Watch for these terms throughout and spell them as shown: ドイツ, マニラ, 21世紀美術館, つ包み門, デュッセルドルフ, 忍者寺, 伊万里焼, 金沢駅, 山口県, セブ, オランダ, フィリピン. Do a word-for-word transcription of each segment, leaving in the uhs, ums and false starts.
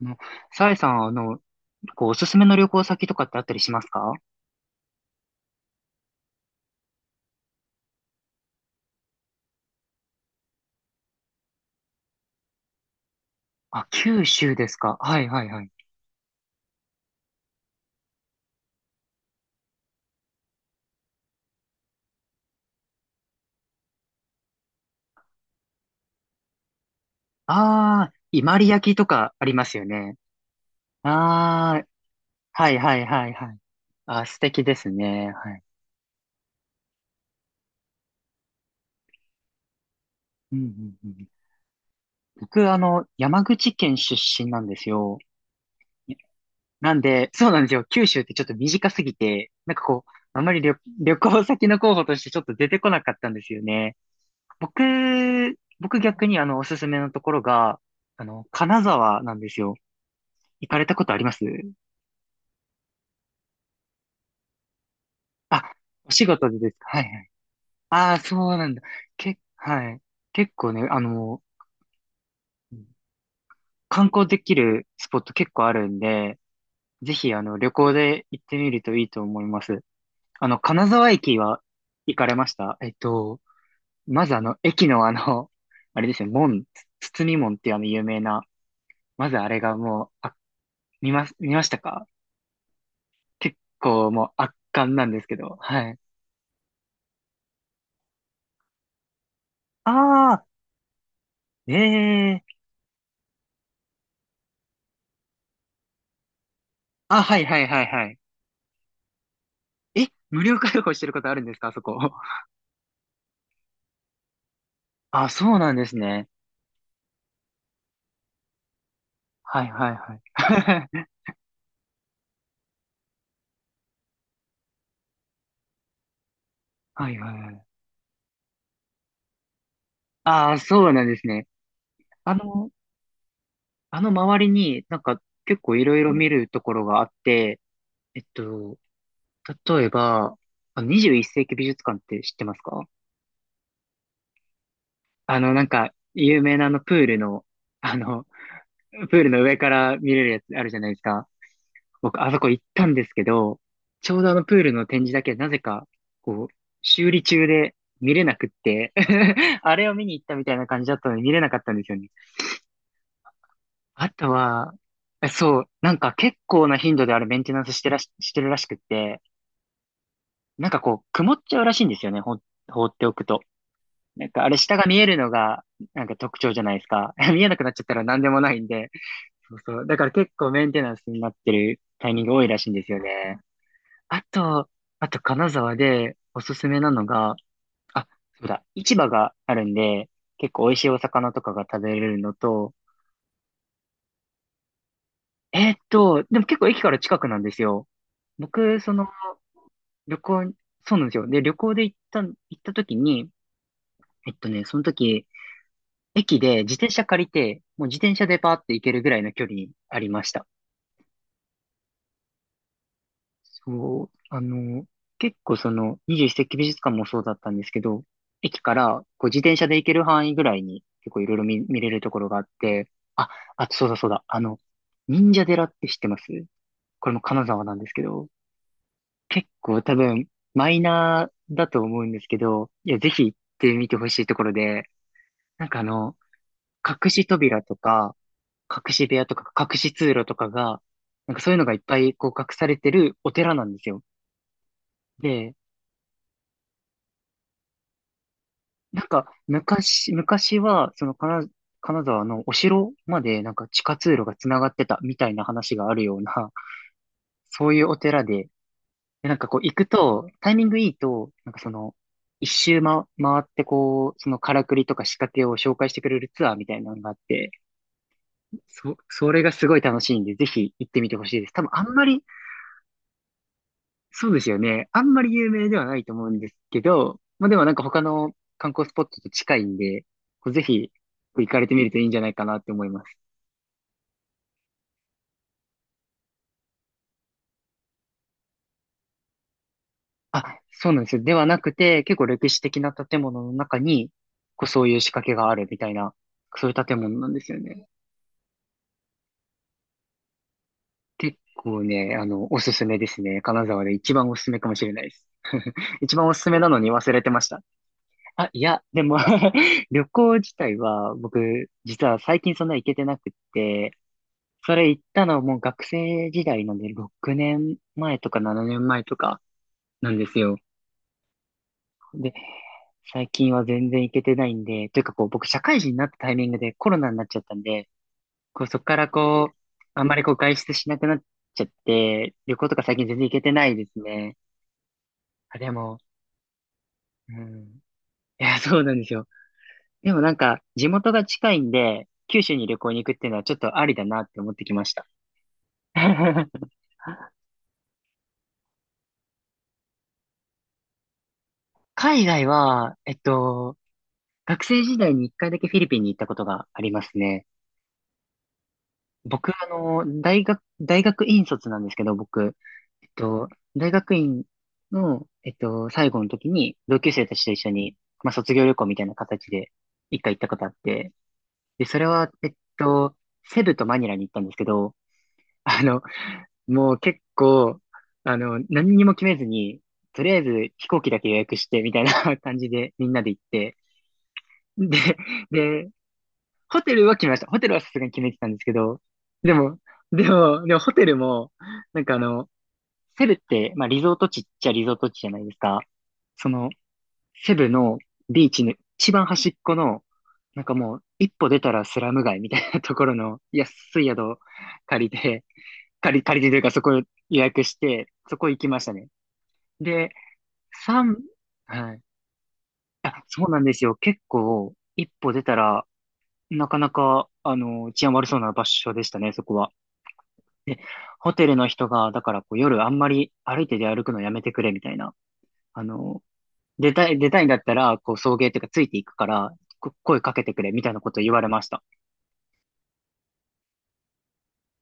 の、さえさん、あの、こう、おすすめの旅行先とかってあったりしますか？あ、九州ですか。はいはいはい。ああ、伊万里焼とかありますよね。ああ、はいはいはいはい。あ、素敵ですね。はい。うんうんうん。僕、あの、山口県出身なんですよ。なんで、そうなんですよ。九州ってちょっと短すぎて、なんかこう、あまり旅、旅行先の候補としてちょっと出てこなかったんですよね。僕、僕逆にあの、おすすめのところが、あの、金沢なんですよ。行かれたことあります？あ、お仕事でですか？はいはい。ああ、そうなんだ。け、はい。結構ね、あの、観光できるスポット結構あるんで、ぜひあの、旅行で行ってみるといいと思います。あの、金沢駅は行かれました？えっと、まずあの、駅のあの、あれですよ、門、つ包み門っていうあの、有名な、まずあれがもう、あ、見ます、見ましたか？結構もう圧巻なんですけど、はい。ああ、ええー。あ、はいはいはいはい。え、無料開放してることあるんですか、あそこ。あ、そうなんですね。はいはいはい。はいはいはい。ああ、そうなんですね。あの、あの周りになんか結構いろいろ見るところがあって、えっと、例えば、あにじゅういっ世紀美術館って知ってますか？あの、なんか、有名なあのプールの、あの、プールの上から見れるやつあるじゃないですか。僕、あそこ行ったんですけど、ちょうどあのプールの展示だけなぜか、こう、修理中で見れなくって あれを見に行ったみたいな感じだったので見れなかったんですよね。あとは、えそう、なんか結構な頻度であれメンテナンスしてらし、してるらしくって、なんかこう、曇っちゃうらしいんですよね、ほん、放っておくと。なんかあれ下が見えるのが、なんか特徴じゃないですか。見えなくなっちゃったら何でもないんで。そうそう。だから結構メンテナンスになってるタイミング多いらしいんですよね。あと、あと金沢でおすすめなのが、あ、そうだ、市場があるんで、結構美味しいお魚とかが食べれるのと、えーっと、でも結構駅から近くなんですよ。僕、その、旅行に、そうなんですよ。で、旅行で行ったん、行った時に、えっとね、その時、駅で自転車借りて、もう自転車でパーって行けるぐらいの距離にありました。そう、あの、結構そのにじゅういっ世紀美術館もそうだったんですけど、駅からこう自転車で行ける範囲ぐらいに結構いろいろ見、見れるところがあって、あ、あとそうだそうだ、あの、忍者寺って知ってます？これも金沢なんですけど、結構多分マイナーだと思うんですけど、いや、ぜひ行ってみてほしいところで、なんかあの、隠し扉とか、隠し部屋とか、隠し通路とかが、なんかそういうのがいっぱいこう隠されてるお寺なんですよ。で、なんか、昔、昔は、その、金、金沢のお城まで、なんか地下通路が繋がってたみたいな話があるような、そういうお寺で、で、なんかこう行くと、タイミングいいと、なんかその、一周ま、回ってこう、そのからくりとか仕掛けを紹介してくれるツアーみたいなのがあって、そ、それがすごい楽しいんで、ぜひ行ってみてほしいです。多分あんまり。そうですよね。あんまり有名ではないと思うんですけど、まあでもなんか他の観光スポットと近いんで、こうぜひこう行かれてみるといいんじゃないかなって思います。そうなんですよ。ではなくて、結構歴史的な建物の中に、こうそういう仕掛けがあるみたいな、そういう建物なんですよね。結構ね、あの、おすすめですね。金沢で一番おすすめかもしれないです。一番おすすめなのに忘れてました。あ、いや、でも 旅行自体は僕、実は最近そんな行けてなくって、それ行ったのもう学生時代なんでろくねんまえとかななねんまえとかなんですよ。で、最近は全然行けてないんで、というかこう僕社会人になったタイミングでコロナになっちゃったんで、こうそこからこう、あんまりこう外出しなくなっちゃって、旅行とか最近全然行けてないですね。あ、でも、うん。いや、そうなんですよ。でもなんか地元が近いんで、九州に旅行に行くっていうのはちょっとありだなって思ってきました。海外は、えっと、学生時代に一回だけフィリピンに行ったことがありますね。僕、あの、大学、大学院卒なんですけど、僕、えっと、大学院の、えっと、最後の時に、同級生たちと一緒に、まあ、卒業旅行みたいな形で、一回行ったことあって、で、それは、えっと、セブとマニラに行ったんですけど、あの、もう結構、あの、何にも決めずに、とりあえず飛行機だけ予約して、みたいな 感じでみんなで行って、で、で、ホテルは決めました。ホテルはさすがに決めてたんですけど、でも、でも、でもホテルも、なんかあの、セブって、まあリゾート地っちゃリゾート地じゃないですか。その、セブのビーチの一番端っこの、なんかもう、一歩出たらスラム街みたいなところの安い宿を借りて、借り、借りてというかそこ予約して、そこ行きましたね。で、三はい。あ、そうなんですよ。結構、一歩出たら、なかなか、あの、治安悪そうな場所でしたね、そこは。で、ホテルの人が、だからこう夜あんまり歩いて出歩くのやめてくれ、みたいな。あの、出たい、出たいんだったら、こう送迎っていうかついていくから、こ声かけてくれ、みたいなこと言われました。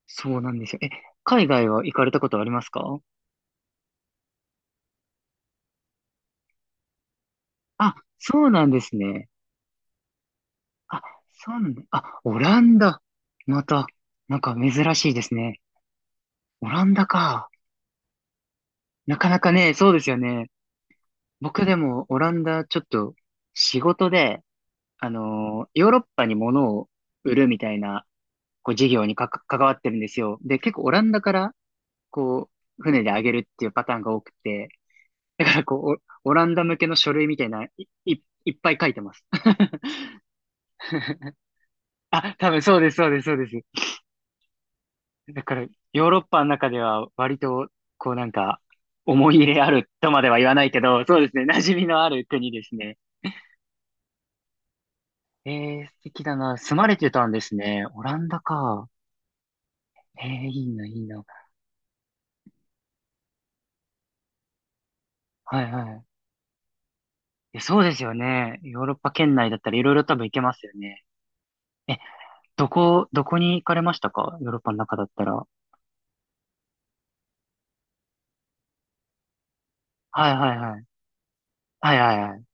そうなんですよ。え、海外は行かれたことありますか？あ、そうなんですね。あ、そうなんだ。あ、オランダ。また、なんか珍しいですね。オランダか。なかなかね、そうですよね。僕でもオランダちょっと仕事で、あのーヨーロッパに物を売るみたいな、こう事業にかか、関わってるんですよ。で、結構オランダから、こう、船であげるっていうパターンが多くて、だからこう、オオランダ向けの書類みたいな、い、い、いっぱい書いてます。あ、多分そうです、そうです、そうです。だから、ヨーロッパの中では割と、こうなんか、思い入れあるとまでは言わないけど、そうですね、馴染みのある国ですね。えー素敵だな。住まれてたんですね。オランダか。えーいいな、いいな。はいはい。え、そうですよね。ヨーロッパ圏内だったらいろいろ多分行けますよね。え、どこ、どこに行かれましたか？ヨーロッパの中だったら。はいはいはい。はいはいはい。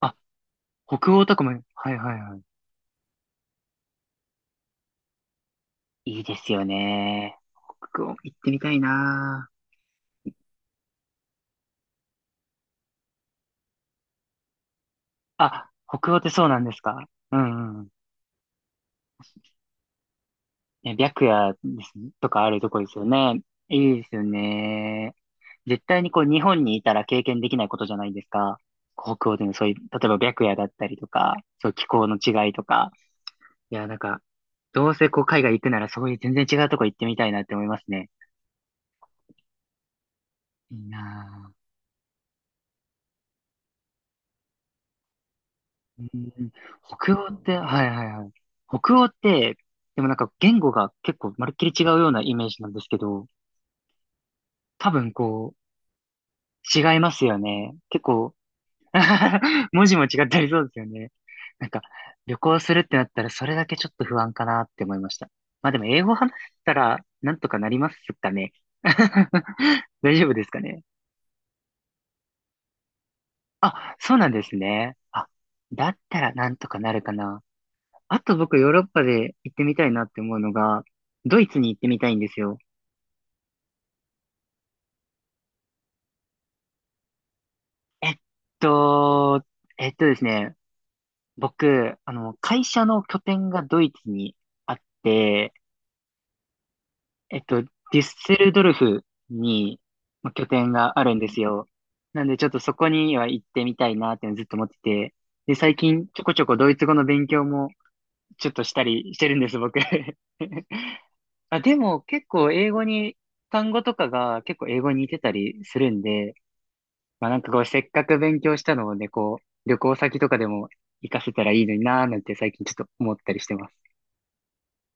あ、北欧とかも、はいはいはい。いいですよね。北欧行ってみたいな。あ、北欧ってそうなんですか？うんうん。え、白夜ですねとかあるとこですよね。いいですよね。絶対にこう日本にいたら経験できないことじゃないですか。北欧でのそういう、例えば白夜だったりとか、そう気候の違いとか。いや、なんか、どうせこう海外行くならそういう全然違うとこ行ってみたいなって思いますね。いいなぁ。うん、北欧って、はいはいはい。北欧って、でもなんか言語が結構まるっきり違うようなイメージなんですけど、多分こう、違いますよね。結構 文字も違ったりそうですよね。なんか、旅行するってなったらそれだけちょっと不安かなって思いました。まあでも英語話したらなんとかなりますかね。大丈夫ですかね。あ、そうなんですね。あ、だったらなんとかなるかな。あと僕ヨーロッパで行ってみたいなって思うのが、ドイツに行ってみたいんですよ。と、えっとですね、僕、あの、会社の拠点がドイツにあって、えっと、デュッセルドルフにまあ拠点があるんですよ。なんでちょっとそこには行ってみたいなっていうのずっと思ってて。で、最近ちょこちょこドイツ語の勉強もちょっとしたりしてるんです、僕。あ、でも結構英語に、単語とかが結構英語に似てたりするんで、まあなんかこうせっかく勉強したのをね、こう旅行先とかでも活かせたらいいのになーなんて最近ちょっと思ったりしてます。